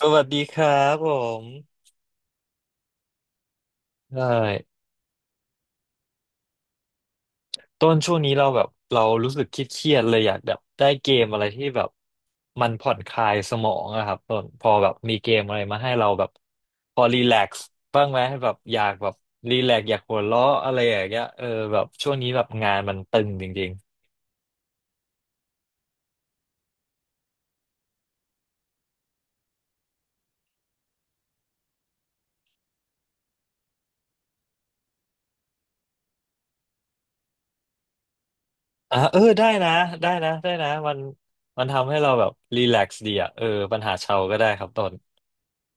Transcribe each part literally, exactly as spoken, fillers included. สวัสดีครับผมใช่ต้นช่วงนี้เราแบบเรารู้สึกเครียดๆเลยอยากแบบได้เกมอะไรที่แบบมันผ่อนคลายสมองอะครับต้นพอแบบมีเกมอะไรมาให้เราแบบพอรีแลกซ์บ้างไหมแบบอยากแบบรีแลกซ์อยากหัวเราะอะไรอย่างเงี้ยเออแบบช่วงนี้แบบงานมันตึงจริงๆอ่ะเออได้นะได้นะได้นะมันมันทำให้เราแบบรีแลกซ์ดีอะเออปัญหาเชาก็ได้ครับต้น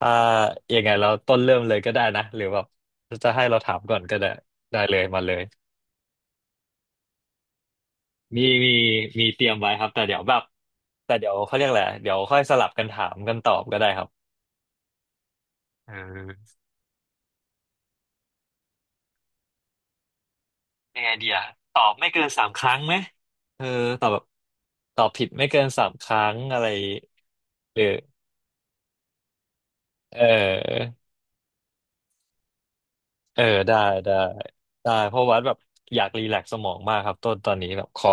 อ่ายังไงเราต้นเริ่มเลยก็ได้นะหรือแบบจะให้เราถามก่อนก็ได้ได้เลยมาเลยมีมีมีเตรียมไว้ครับแต่เดี๋ยวแบบแต่เดี๋ยวเขาเรียกอะไรเดี๋ยวค่อยสลับกันถามกันตอบก็ได้ครับเออยังไงดีอะตอบไม่เกินสามครั้งไหมเออตอบแบบตอบผิดไม่เกินสามครั้งอะไรหรือเออเออได้ได้ได้เพราะว่าแบบอยากรีแลกซ์สมองมากครับต้นตอนนี้แบบขอ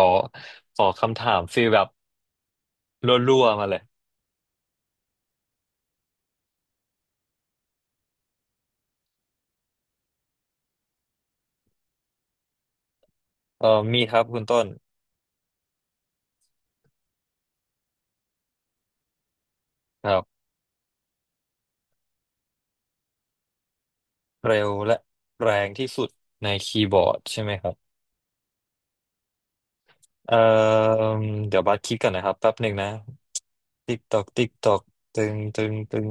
ขอคำถามฟีลแบบรัวๆมาเลย เอ่อมีครับคุณต้นครับเร็วและแรงที่สุดในคีย์บอร์ดใช่ไหมครับเอ่อเดี๋ยวบัสคิดก่อนนะครับแป๊บหนึ่งนะติ๊กตอกติ๊กตอกตึงตึงตึง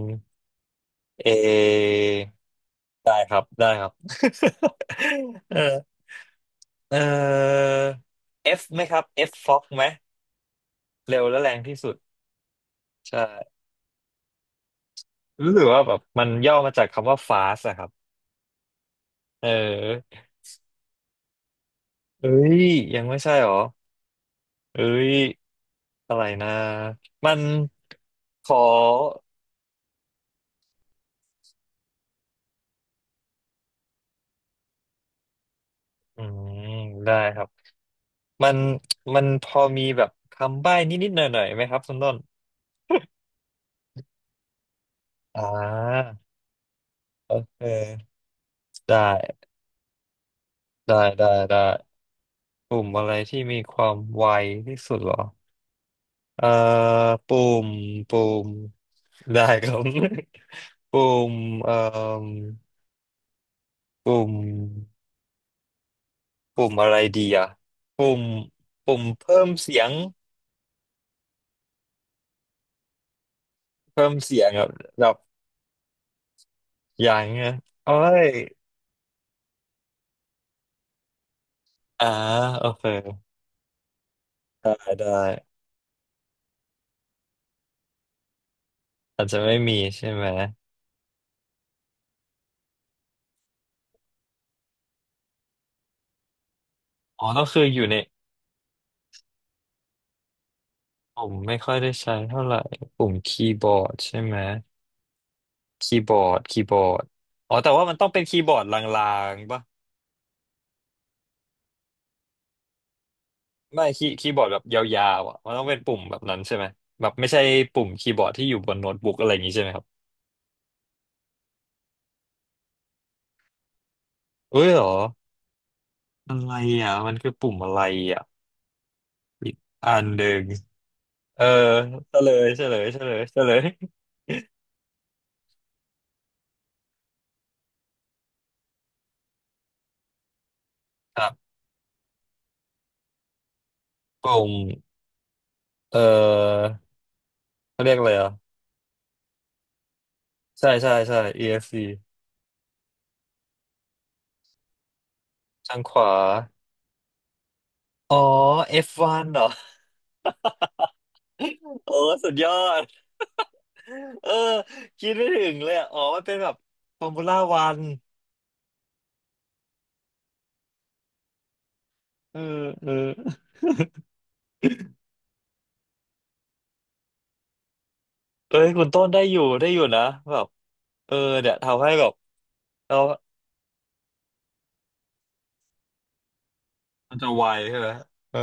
เอได้ครับได้ครับ เออเออ F ไหมครับ F Fox ไหมเร็วและแรงที่สุดใช่รู้สึกว่าแบบมันย่อมาจากคำว่า fast อะครับเออเอ้ยยังไม่ใช่หรอ เอ้ยอะไรนะมันขออืมได้ครับมันมันพอมีแบบคำใบ้นิดๆหน่อยๆไหมครับคุณต้นอ่าโอเคได้ได้ได้ได้ปุ่มอะไรที่มีความไวที่สุดเหรอเอ่อปุ่มปุ่มได้ครับ ปุ่มเอ่อปุ่มปุ่มอะไรดีอ่ะปุ่มปุ่มเพิ่มเสียง เพิ่มเสียงแบบแบบอย่างเงี้ยโอ้ยอ่าโอเคได้ได้อาจจะไม่มีใช่ไหมอ๋อก็คืออยู่ในผมไม่ค่อยได้ใช้เท่าไหร่ปุ่มคีย์บอร์ดใช่ไหมคีย์บอร์ดคีย์บอร์ดอ๋อแต่ว่ามันต้องเป็นคีย์บอร์ดลางๆปะไม่คีย์คีย์บอร์ดแบบยาวๆอ่ะมันต้องเป็นปุ่มแบบนั้นใช่ไหมแบบไม่ใช่ปุ่มคีย์บอร์ดที่อยู่บนโน้ตบุ๊กอะไรอย่างนี้ใช่ไหมครับเอ้ยเหรออะไรอ่ะมันคือปุ่มอะไรอ่ะอีกอันหนึ่ง เออเฉลยเฉลยเฉลยเฉลยครับกลุ่มเออเขาเรียกอะไรอ่ะใช่ใช่ใช่ อี เอฟ ซี ทางขวาอ๋อ เอฟ วัน เหรอ โอ้สุดยอดเออคิดไม่ถึงเลยอะอ๋อมันเป็นแบบฟอร์มูล่าวันเออเออเอ้ยคุณต้นได้อยู่ได้อยู่นะแบบเออเนี่ยทำให้แบบเรามันจะไวใช่ไหมเออ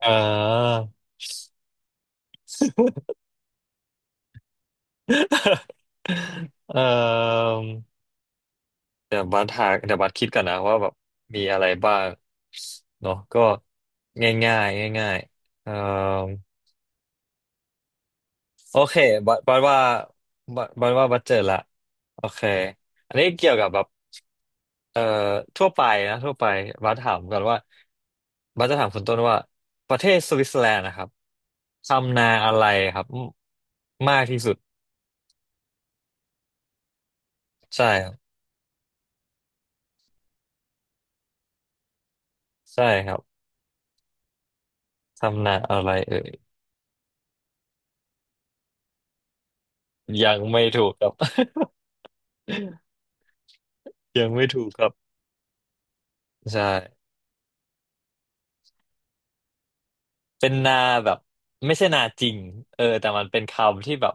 อ่า เออ เดี๋ยวบัสหาเดี๋ยวบัสคิดก่อนนะว่าแบบมีอะไรบ้างเนาะก็ง่ายง่ายง่ายง่ายๆเอ่อโอเคบัสบัสว่าบัสบัสว่าบัสเจอละโอเคอันนี้เกี่ยวกับแบบเอ่อทั่วไปนะทั่วไปบัสถามก่อนว่าบัสจะถามคุณต้นว่าประเทศสวิตเซอร์แลนด์นะครับทำนาอะไรครับมากที่สุดใช่ครับใช่ครับทำนาอะไรเอ่ยยังไม่ถูกครับ ยังไม่ถูกครับ ใช่เป็นนาแบบไม่ใช่นาจริงเออแต่มันเป็นคำที่แบบ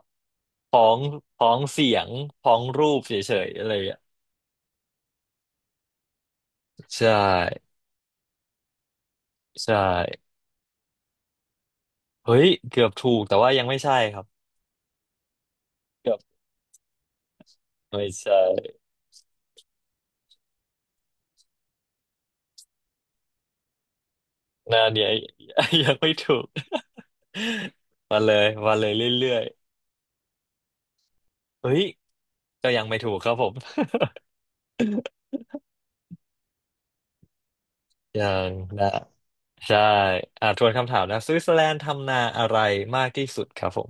พ้องพ้องเสียงพ้องรูปเฉยๆอะไรอย่างเงี้ยใช่ใช่เฮ้ยเกือบถูกแต่ว่ายังไม่ใช่ครับเกือบไม่ใช่นาเนี้ย ยังไม่ถูก มาเลยมาเลยเรื่อยๆเฮ้ยก็ยังไม่ถูกครับผม ยังนะใช่อ่าทวนคำถามนะสวิตเซอร์แลนด์ทำนาอะไรมากที่สุดครับผม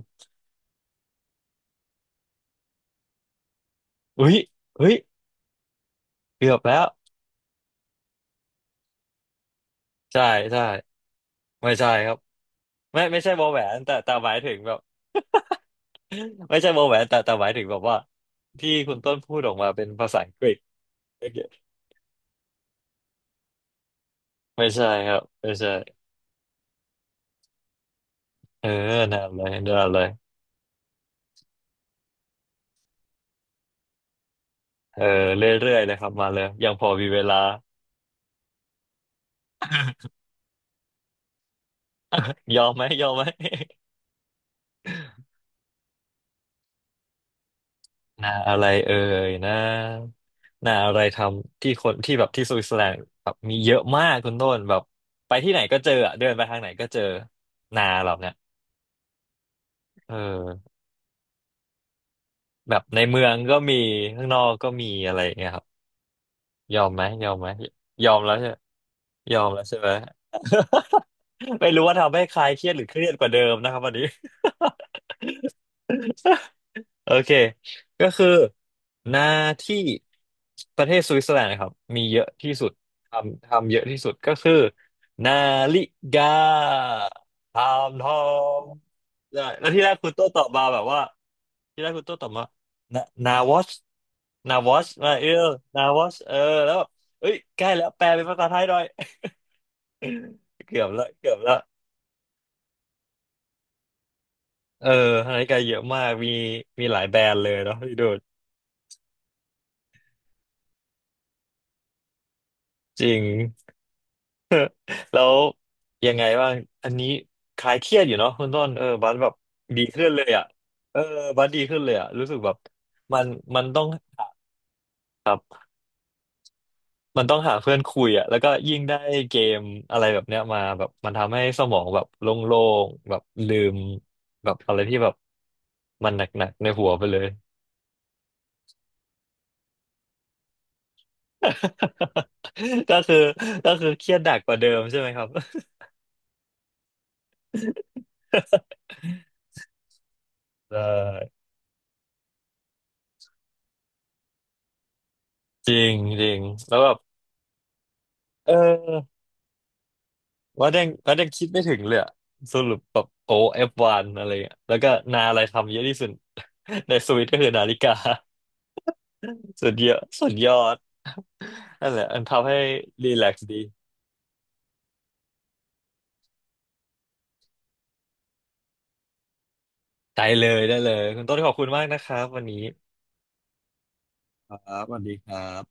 อุ้ยอุ้ยเกือบแล้ว ใช่ใช่ไม่ใช่ครับไม่ไม่ใช่วอแหวนแต่แต่หมายถึงแบบ ไม่ใช่วอแหวนแต่แต่หมายถึงแบบว่าที่คุณต้นพูดออกมาเป็นภาษาอังกฤษโอเคไม่ใช่ครับไม่ใช่เออนั่นเลยนั่นเลยเออเรื่อยๆเลยครับมาเลยยังพอมีเวลา ยอมไหมยอมไหม หน้าอะไรเอ่ยนะหน้าอะไรทำที่คนที่แบบที่สวิตเซอร์แลนด์แบบมีเยอะมากคุณต้นแบบไปที่ไหนก็เจออะเดินไปทางไหนก็เจอนาเราเนี่ยเออ แบบในเมืองก็มีข้างนอกก็มีอะไรอย่างเงี้ยครับยอมไหมยอมไหมยอมแล้วใช่ยอมแล้วใช่ไหม ไม่รู้ว่าทำให้ใครเครียดหรือเครียดกว่าเดิมนะครับวันนี้ โอเคก็คือหน้าที่ประเทศสวิตเซอร์แลนด์นะครับมีเยอะที่สุดทำทำเยอะที่สุดก็คือนาฬิกาทำทองได้แล้วที่แรกคุณโต้ตอบมาแบบว่าที่แรกคุณโต้ตอบมานะนาวอชนาวอชมาเออนาวอชเออแล้วแบบเอ้ยใกล้แล้วแปลเป็นภาษาไทยหน่อย เกือบละเกือบละเออนาฬิกาเยอะมากมีมีหลายแบรนด์เลยเนาะพี่ดูดจริง แล้วยังไงบ้างอันนี้คลายเครียดอยู่เนาะคุณต้นเออบัสแบบดีขึ้นเลยอ่ะเออบัสดีขึ้นเลยอ่ะรู้สึกแบบมันมันต้องหามันต้องหาเพื่อนคุยอ่ะแล้วก็ยิ่งได้เกมอะไรแบบเนี้ยมาแบบมันทำให้สมองแบบโล่งๆแบบลืมแบบอะไรที่แบบมันหนักๆในหัวไปเลย ก็คือก็คือเครียดหนักกว่าเดิมใช่ไหมครับได้จริงจริงแล้วแบบเออ ว่าแดงว่าแดงคิดไม่ถึงเลยอะสรุปแบบโอเอฟวันอะไรเงี้ยแล้วก็นาอะไรทำเยอะที่สุด ในสวิตก็คือนาฬิกา สุดเยอะสุดยอดนั่นแหละมันทำให้รีแลกซ์ดีได้เลยได้เลยคุณต้นขอบคุณมากนะครับวันนี้ครับสวัสดีครับ